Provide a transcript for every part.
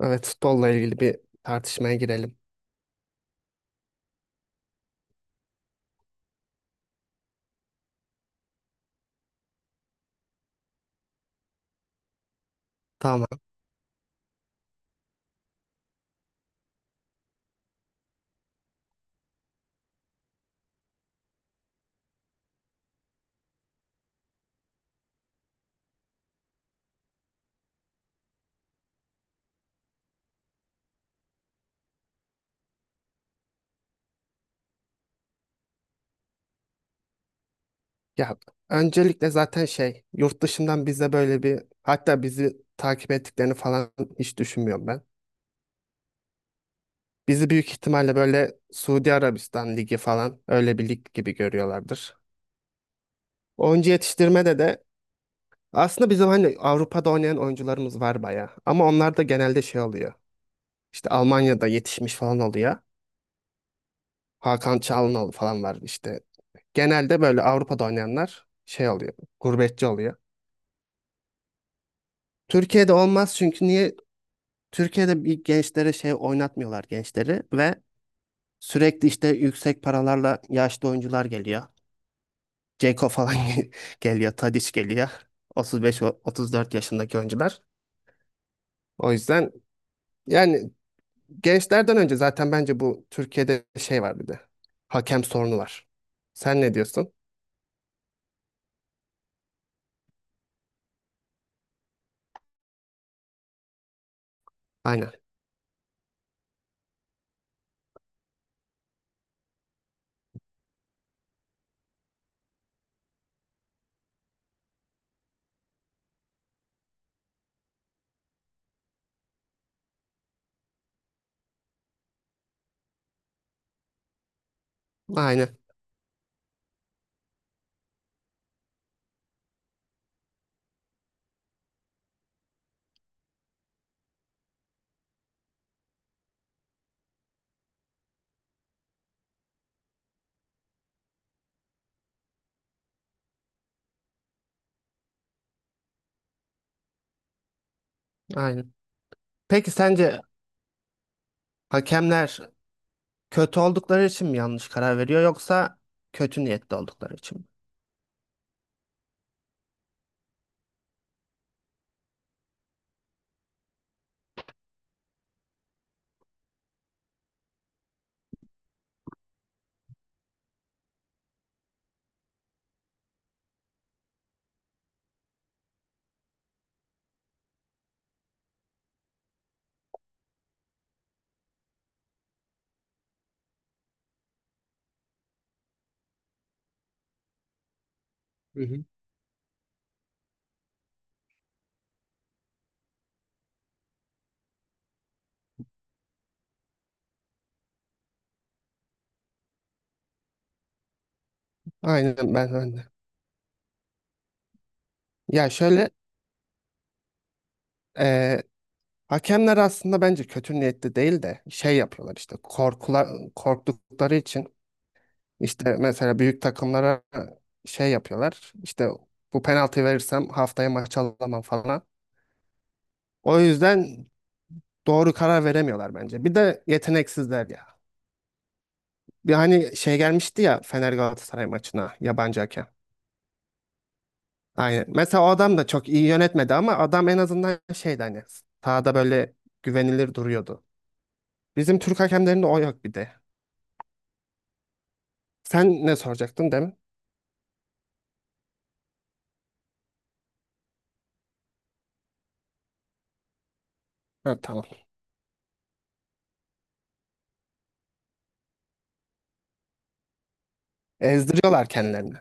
Evet, futbolla ilgili bir tartışmaya girelim. Tamam. Ya öncelikle zaten şey, yurt dışından bize böyle bir hatta bizi takip ettiklerini falan hiç düşünmüyorum ben. Bizi büyük ihtimalle böyle Suudi Arabistan Ligi falan öyle bir lig gibi görüyorlardır. Oyuncu yetiştirmede de aslında bizim hani Avrupa'da oynayan oyuncularımız var bayağı. Ama onlar da genelde şey oluyor. İşte Almanya'da yetişmiş falan oluyor. Hakan Çalhanoğlu falan var işte. Genelde böyle Avrupa'da oynayanlar şey oluyor, gurbetçi oluyor. Türkiye'de olmaz çünkü niye? Türkiye'de bir gençlere şey oynatmıyorlar gençleri ve sürekli işte yüksek paralarla yaşlı oyuncular geliyor. Ceko falan geliyor, Tadiç geliyor. 35-34 yaşındaki oyuncular. O yüzden yani gençlerden önce zaten bence bu Türkiye'de şey var bir de. Hakem sorunu var. Sen ne diyorsun? Aynen. Aynen. Aynen. Peki sence hakemler kötü oldukları için mi yanlış karar veriyor yoksa kötü niyetli oldukları için mi? Hı hı. Aynen, ben de. Ya şöyle eee, hakemler aslında bence kötü niyetli değil de şey yapıyorlar işte korktukları için. İşte mesela büyük takımlara şey yapıyorlar. İşte bu penaltı verirsem haftaya maç alamam falan. O yüzden doğru karar veremiyorlar bence. Bir de yeteneksizler ya. Bir hani şey gelmişti ya Fener Galatasaray maçına yabancı hakem. Aynen. Mesela o adam da çok iyi yönetmedi ama adam en azından şeydi hani sahada böyle güvenilir duruyordu. Bizim Türk hakemlerinde o yok bir de. Sen ne soracaktın değil mi? Ha, tamam. Ezdiriyorlar kendilerini.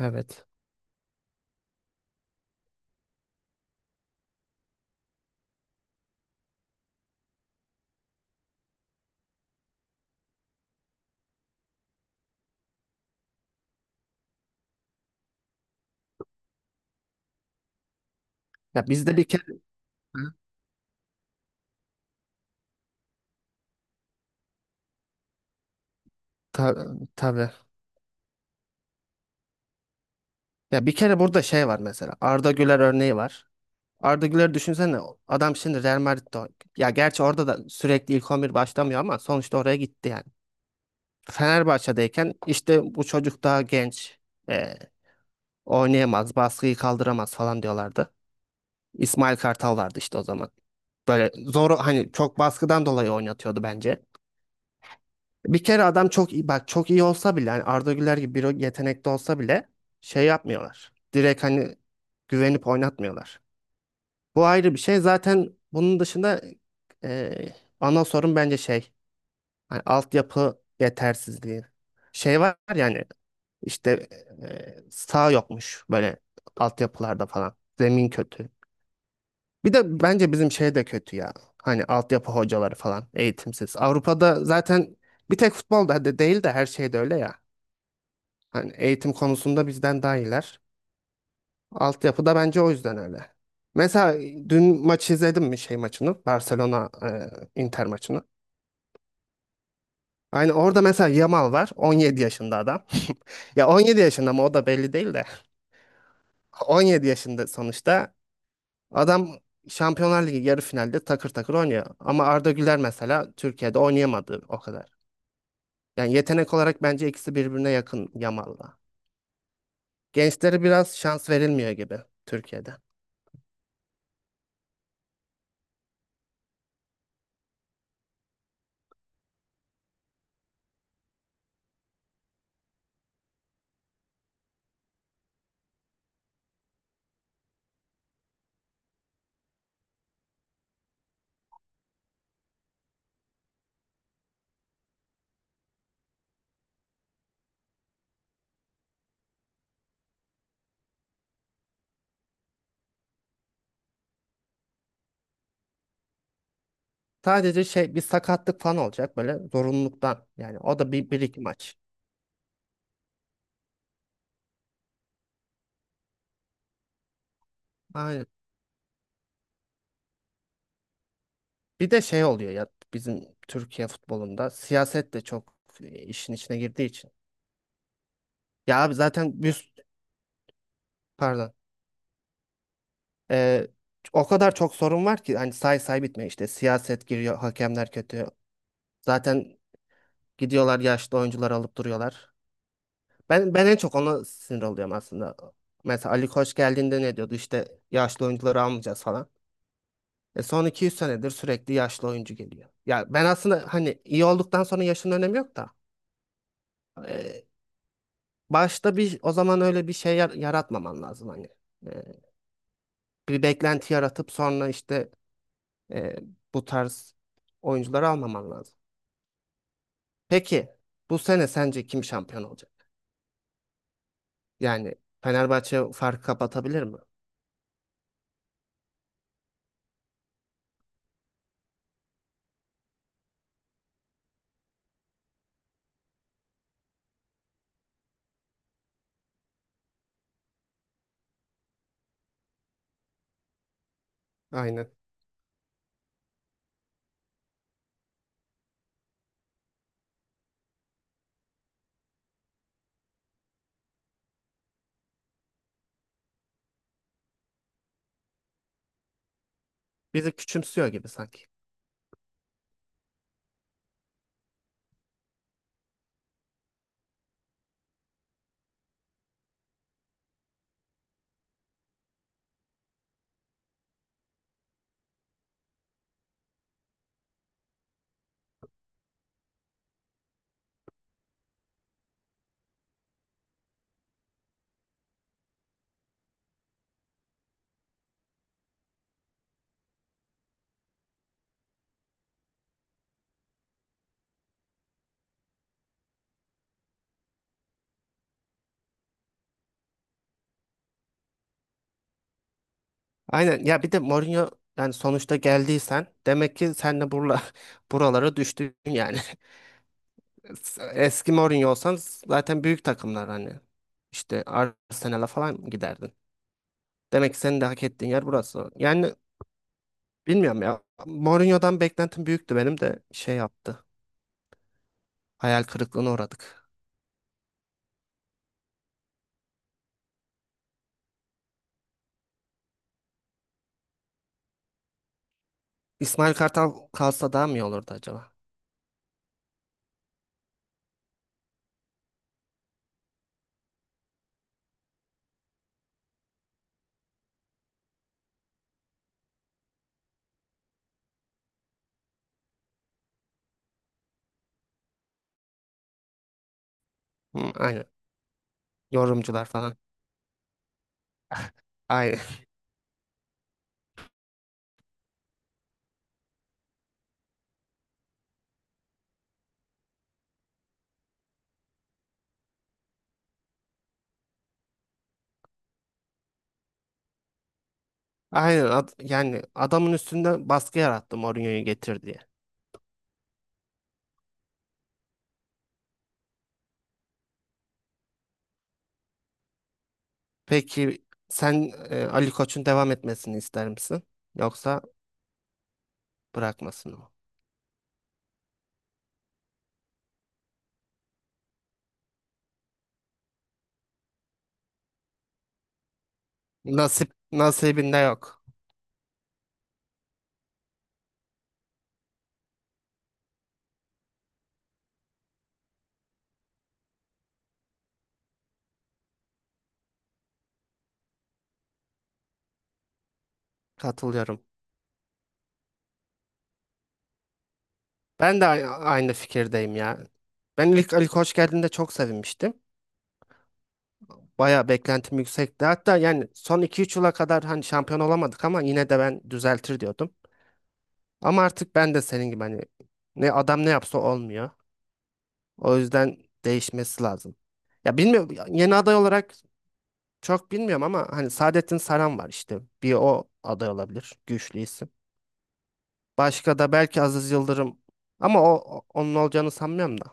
Evet. Ya bizde bir kere. Tabii. Ya bir kere burada şey var mesela. Arda Güler örneği var. Arda Güler düşünsene adam şimdi Real Madrid'de oynuyor. Ya gerçi orada da sürekli ilk 11 başlamıyor ama sonuçta oraya gitti yani. Fenerbahçe'deyken işte bu çocuk daha genç. e, Oynayamaz, baskıyı kaldıramaz falan diyorlardı. İsmail Kartal vardı işte o zaman. Böyle zor hani çok baskıdan dolayı oynatıyordu bence. Bir kere adam çok iyi bak çok iyi olsa bile hani Arda Güler gibi bir yetenekli olsa bile şey yapmıyorlar. Direkt hani güvenip oynatmıyorlar. Bu ayrı bir şey. Zaten bunun dışında ana sorun bence şey. Hani altyapı yetersizliği. Şey var yani işte sağ yokmuş böyle altyapılarda falan. Zemin kötü. Bir de bence bizim şey de kötü ya. Hani altyapı hocaları falan eğitimsiz. Avrupa'da zaten bir tek futbolda de değil de her şeyde öyle ya. Hani eğitim konusunda bizden daha iyiler. Altyapı da bence o yüzden öyle. Mesela dün maçı izledim mi şey maçını? Barcelona Inter maçını. Aynı orada mesela Yamal var. 17 yaşında adam. Ya 17 yaşında mı o da belli değil de. 17 yaşında sonuçta. Adam Şampiyonlar Ligi yarı finalde takır takır oynuyor. Ama Arda Güler mesela Türkiye'de oynayamadı o kadar. Yani yetenek olarak bence ikisi birbirine yakın Yamal'la. Gençlere biraz şans verilmiyor gibi Türkiye'de. Sadece şey bir sakatlık falan olacak böyle zorunluluktan. Yani o da bir iki maç. Aynen. Bir de şey oluyor ya bizim Türkiye futbolunda siyaset de çok işin içine girdiği için. Ya abi zaten biz, pardon. Ee, O kadar çok sorun var ki hani say say bitmiyor. İşte siyaset giriyor, hakemler kötü, zaten gidiyorlar, yaşlı oyuncular alıp duruyorlar. Ben en çok ona sinir oluyorum aslında. Mesela Ali Koç geldiğinde ne diyordu? İşte yaşlı oyuncuları almayacağız falan. Son 200 senedir sürekli yaşlı oyuncu geliyor ya. Ben aslında hani iyi olduktan sonra yaşın önemi yok da e, başta bir o zaman öyle bir şey yaratmaman lazım hani. E, Bir beklenti yaratıp sonra işte e, bu tarz oyuncuları almaman lazım. Peki bu sene sence kim şampiyon olacak? Yani Fenerbahçe farkı kapatabilir mi? Aynen. Bizi küçümsüyor gibi sanki. Aynen ya bir de Mourinho yani sonuçta geldiysen demek ki sen de buralara düştün yani. Eski Mourinho olsan zaten büyük takımlar hani işte Arsenal'a falan giderdin. Demek ki senin de hak ettiğin yer burası. Yani bilmiyorum ya Mourinho'dan beklentim büyüktü benim de şey yaptı. Hayal kırıklığına uğradık. İsmail Kartal kalsa daha mı iyi olurdu acaba? Hı, aynen. Yorumcular falan. Aynen. Aynen. Yani adamın üstünde baskı yarattı Mourinho'yu getir diye. Peki sen Ali Koç'un devam etmesini ister misin? Yoksa bırakmasını mı? Nasip nasibinde yok. Katılıyorum. Ben de aynı fikirdeyim ya. Ben ilk Ali Koç geldiğinde çok sevinmiştim. Bayağı beklentim yüksekti. Hatta yani son iki üç yıla kadar hani şampiyon olamadık ama yine de ben düzeltir diyordum. Ama artık ben de senin gibi hani ne adam ne yapsa olmuyor. O yüzden değişmesi lazım. Ya bilmiyorum yeni aday olarak çok bilmiyorum ama hani Saadettin Saran var işte. Bir o aday olabilir. Güçlü isim. Başka da belki Aziz Yıldırım ama onun olacağını sanmıyorum da.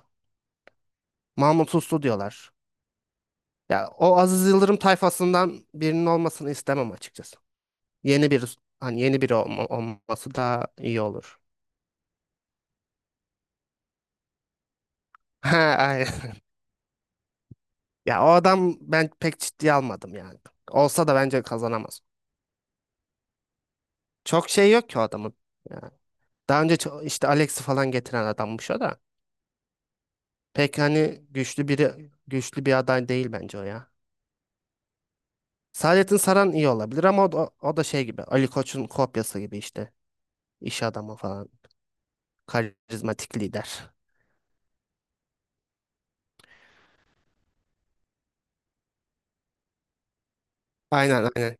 Mahmut Uslu diyorlar. Ya o Aziz Yıldırım tayfasından birinin olmasını istemem açıkçası. Yeni bir hani yeni biri olması daha iyi olur. Ha, aynen. Ya o adam ben pek ciddiye almadım yani. Olsa da bence kazanamaz. Çok şey yok ki o adamın. Daha önce işte Alex'i falan getiren adammış o da. Pek hani güçlü biri güçlü bir aday değil bence o ya. Saadettin Saran iyi olabilir ama o da şey gibi Ali Koç'un kopyası gibi işte. İş adamı falan. Karizmatik lider. Aynen aynen.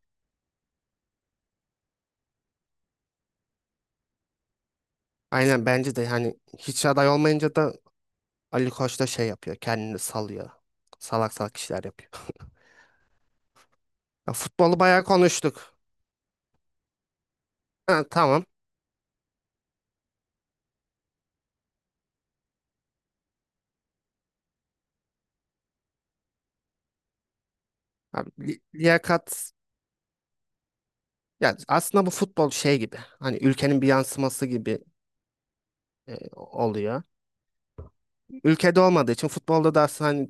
Aynen bence de hani hiç aday olmayınca da Ali Koç da şey yapıyor. Kendini salıyor. Salak salak işler yapıyor. Ya futbolu bayağı konuştuk. Ha, tamam. Abi, liyakat ya aslında bu futbol şey gibi. Hani ülkenin bir yansıması gibi oluyor. Ülkede olmadığı için futbolda da aslında hani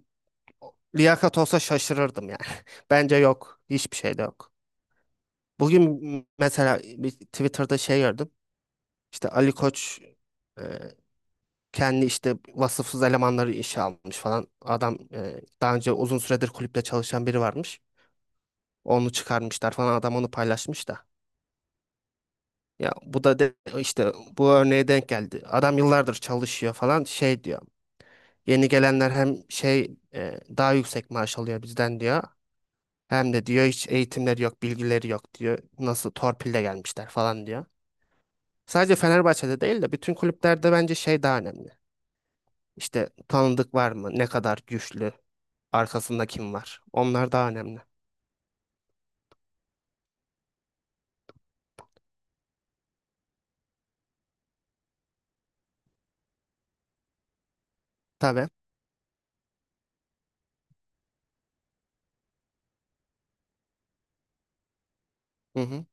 liyakat olsa şaşırırdım yani. Bence yok. Hiçbir şey de yok. Bugün mesela bir Twitter'da şey gördüm. İşte Ali Koç e, kendi işte vasıfsız elemanları işe almış falan. Adam daha önce uzun süredir kulüpte çalışan biri varmış. Onu çıkarmışlar falan. Adam onu paylaşmış da. Ya bu da işte bu örneğe denk geldi. Adam yıllardır çalışıyor falan şey diyor. Yeni gelenler hem şey daha yüksek maaş alıyor bizden diyor. Hem de diyor hiç eğitimleri yok, bilgileri yok diyor. Nasıl torpille gelmişler falan diyor. Sadece Fenerbahçe'de değil de bütün kulüplerde bence şey daha önemli. İşte tanıdık var mı? Ne kadar güçlü? Arkasında kim var? Onlar daha önemli. Tabii. Hı hı.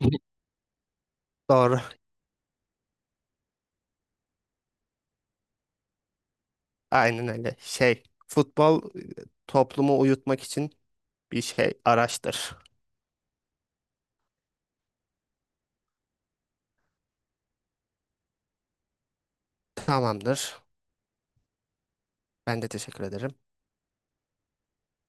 Doğru. Aynen öyle. Şey, futbol toplumu uyutmak için bir şey araçtır. Tamamdır. Ben de teşekkür ederim.